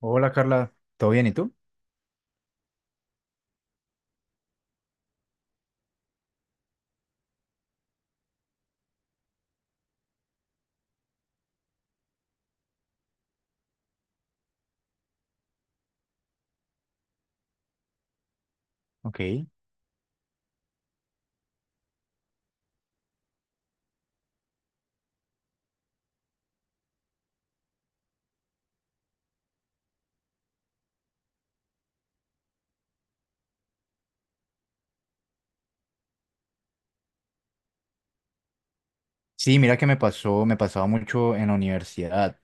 Hola Carla, ¿todo bien? ¿Y tú? Ok. Sí, mira que me pasó, me pasaba mucho en la universidad,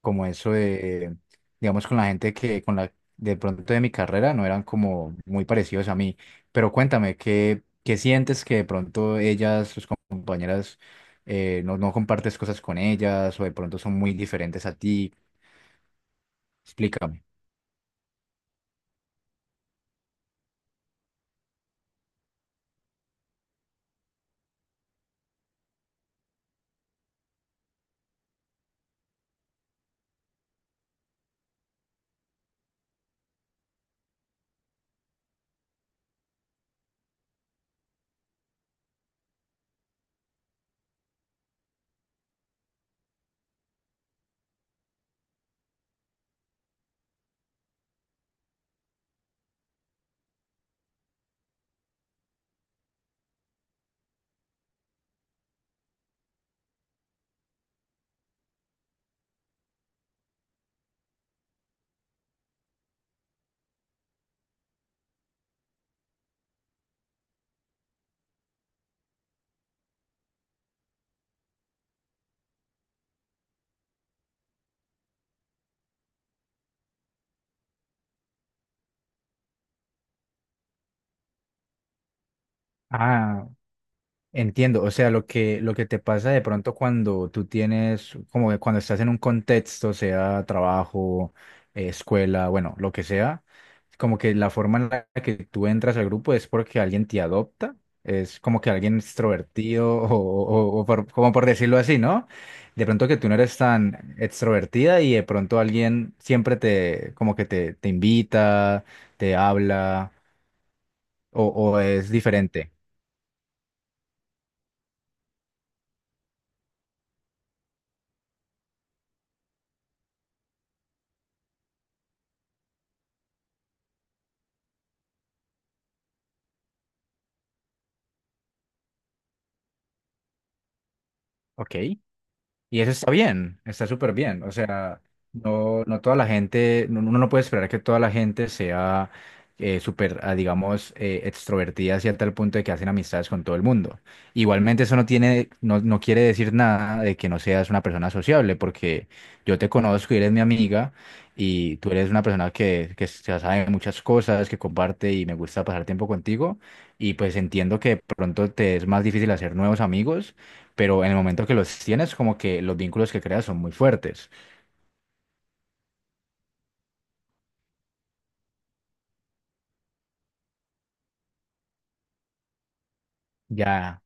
como eso de, digamos, con la, de pronto de mi carrera, no eran como muy parecidos a mí. Pero cuéntame, ¿qué sientes que de pronto ellas, tus compañeras, no compartes cosas con ellas o de pronto son muy diferentes a ti? Explícame. Ah, Entiendo, o sea, lo que te pasa de pronto cuando tú tienes, como que cuando estás en un contexto, sea trabajo, escuela, bueno, lo que sea, como que la forma en la que tú entras al grupo es porque alguien te adopta, es como que alguien extrovertido como por decirlo así, ¿no? De pronto que tú no eres tan extrovertida y de pronto alguien siempre te, te invita, te habla o es diferente. Ok. Y eso está bien, está súper bien. O sea, no toda la gente, no- uno no puede esperar que toda la gente sea súper, digamos, extrovertida hacia tal punto de que hacen amistades con todo el mundo. Igualmente eso no tiene, no quiere decir nada de que no seas una persona sociable, porque yo te conozco y eres mi amiga y tú eres una persona que se sabe muchas cosas, que comparte y me gusta pasar tiempo contigo y pues entiendo que de pronto te es más difícil hacer nuevos amigos, pero en el momento que los tienes, como que los vínculos que creas son muy fuertes. Ya,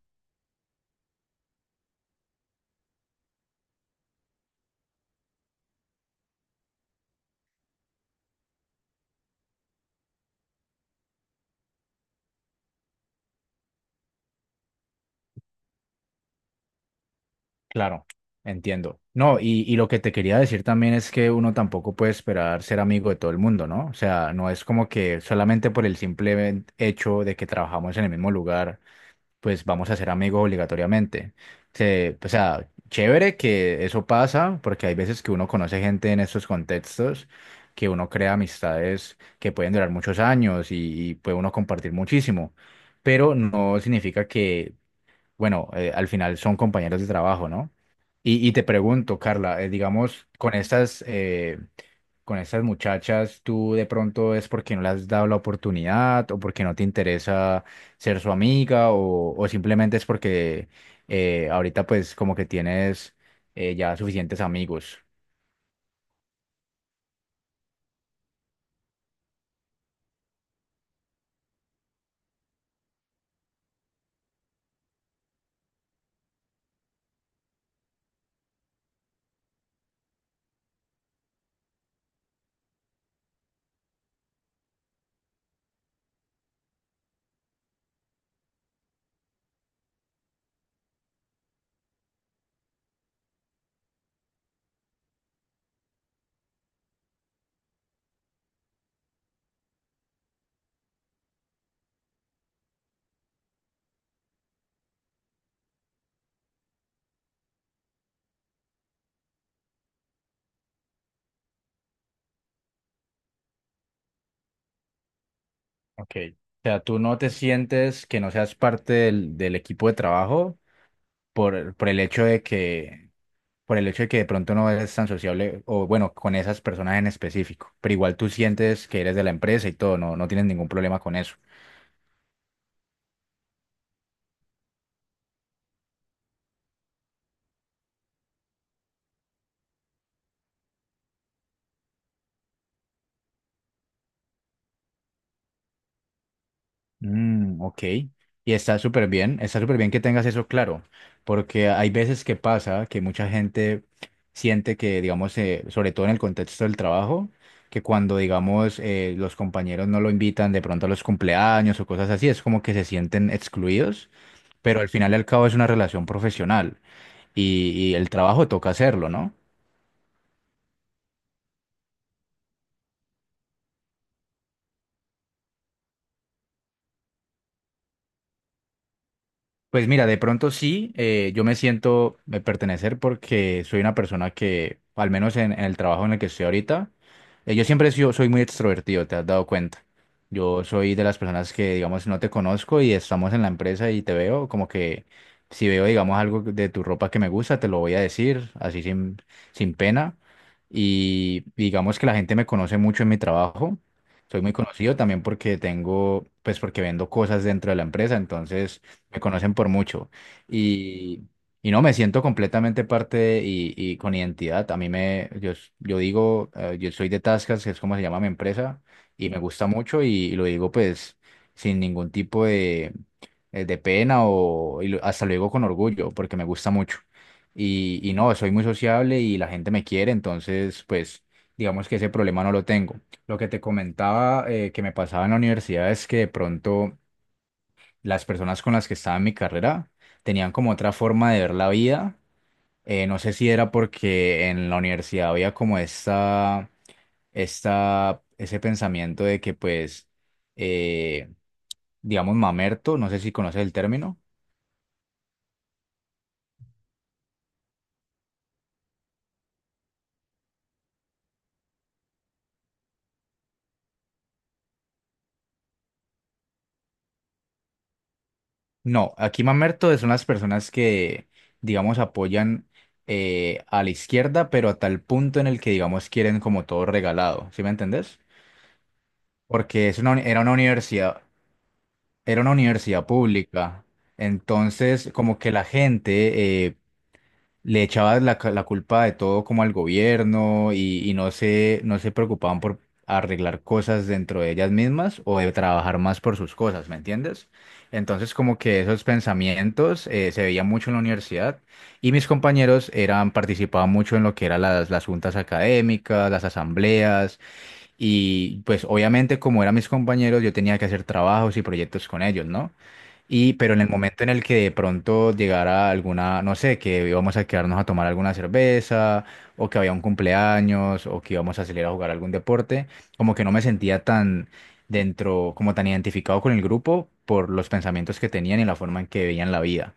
claro, entiendo. No, y lo que te quería decir también es que uno tampoco puede esperar ser amigo de todo el mundo, ¿no? O sea, no es como que solamente por el simple hecho de que trabajamos en el mismo lugar pues vamos a ser amigos obligatoriamente. Se- o sea, chévere que eso pasa, porque hay veces que uno conoce gente en estos contextos, que uno crea amistades que pueden durar muchos años y puede uno compartir muchísimo, pero no significa que, bueno, al final son compañeros de trabajo, ¿no? Y te pregunto, Carla, digamos, con estas muchachas, ¿tú de pronto es porque no le has dado la oportunidad o porque no te interesa ser su amiga o simplemente es porque ahorita pues como que tienes ya suficientes amigos? Ok. O sea, ¿tú no te sientes que no seas parte del equipo de trabajo por el hecho de que por el hecho de que de pronto no eres tan sociable o bueno, con esas personas en específico, pero igual tú sientes que eres de la empresa y todo, no tienes ningún problema con eso. Mm, ok. Y está súper bien que tengas eso claro, porque hay veces que pasa que mucha gente siente que, digamos, sobre todo en el contexto del trabajo, que cuando, digamos, los compañeros no lo invitan de pronto a los cumpleaños o cosas así, es como que se sienten excluidos, pero al final y al cabo es una relación profesional y el trabajo toca hacerlo, ¿no? Pues mira, de pronto sí, yo me siento de pertenecer porque soy una persona que, al menos en el trabajo en el que estoy ahorita, yo siempre he sido- soy muy extrovertido, te has dado cuenta. Yo soy de las personas que, digamos, no te conozco y estamos en la empresa y te veo, como que si veo, digamos, algo de tu ropa que me gusta, te lo voy a decir, así sin pena. Y digamos que la gente me conoce mucho en mi trabajo. Soy muy conocido también porque tengo, pues porque vendo cosas dentro de la empresa, entonces me conocen por mucho. Y, y no, me siento completamente parte de- y con identidad. A mí me, yo, s- yo digo, yo soy de Tascas, que es como se llama mi empresa, y me gusta mucho y lo digo pues sin ningún tipo de pena o y lo- hasta lo digo con orgullo, porque me gusta mucho. Y no, soy muy sociable y la gente me quiere, entonces pues digamos que ese problema no lo tengo. Lo que te comentaba que me pasaba en la universidad es que de pronto las personas con las que estaba en mi carrera tenían como otra forma de ver la vida. No sé si era porque en la universidad había como esta, ese pensamiento de que pues, eh, digamos, mamerto, no sé si conoces el término. No, aquí mamerto son las personas que, digamos, apoyan a la izquierda, pero a tal punto en el que, digamos, quieren como todo regalado, ¿sí me entendés? Porque es una, uni- era una universidad. Era una universidad pública, entonces como que la gente le echaba la, ca- la culpa de todo como al gobierno y no se preocupaban por arreglar cosas dentro de ellas mismas o de trabajar más por sus cosas, ¿me entiendes? Entonces como que esos pensamientos se veían mucho en la universidad y mis compañeros eran, participaban mucho en lo que eran las juntas académicas, las asambleas y pues obviamente como eran mis compañeros yo tenía que hacer trabajos y proyectos con ellos, ¿no? Y, pero en el momento en el que de pronto llegara alguna, no sé, que íbamos a quedarnos a tomar alguna cerveza, o que había un cumpleaños, o que íbamos a salir a jugar algún deporte, como que no me sentía tan dentro, como tan identificado con el grupo por los pensamientos que tenían y la forma en que veían la vida,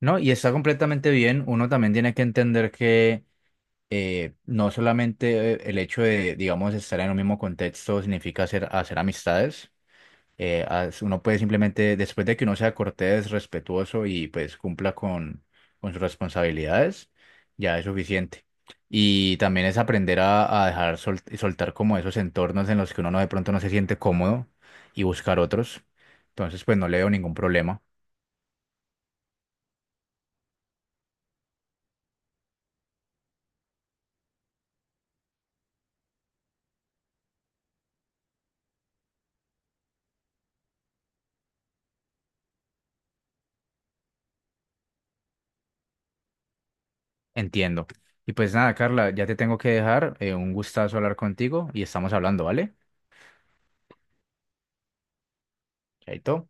¿no? Y está completamente bien, uno también tiene que entender que no solamente el hecho de, digamos, estar en un mismo contexto significa hacer, hacer amistades. Uno puede simplemente, después de que uno sea cortés, respetuoso y pues cumpla con sus responsabilidades, ya es suficiente. Y también es aprender a dejar sol- soltar como esos entornos en los que uno no, de pronto no se siente cómodo y buscar otros. Entonces, pues no le veo ningún problema. Entiendo. Y pues nada, Carla, ya te tengo que dejar. Un gustazo hablar contigo y estamos hablando, ¿vale? Chaito.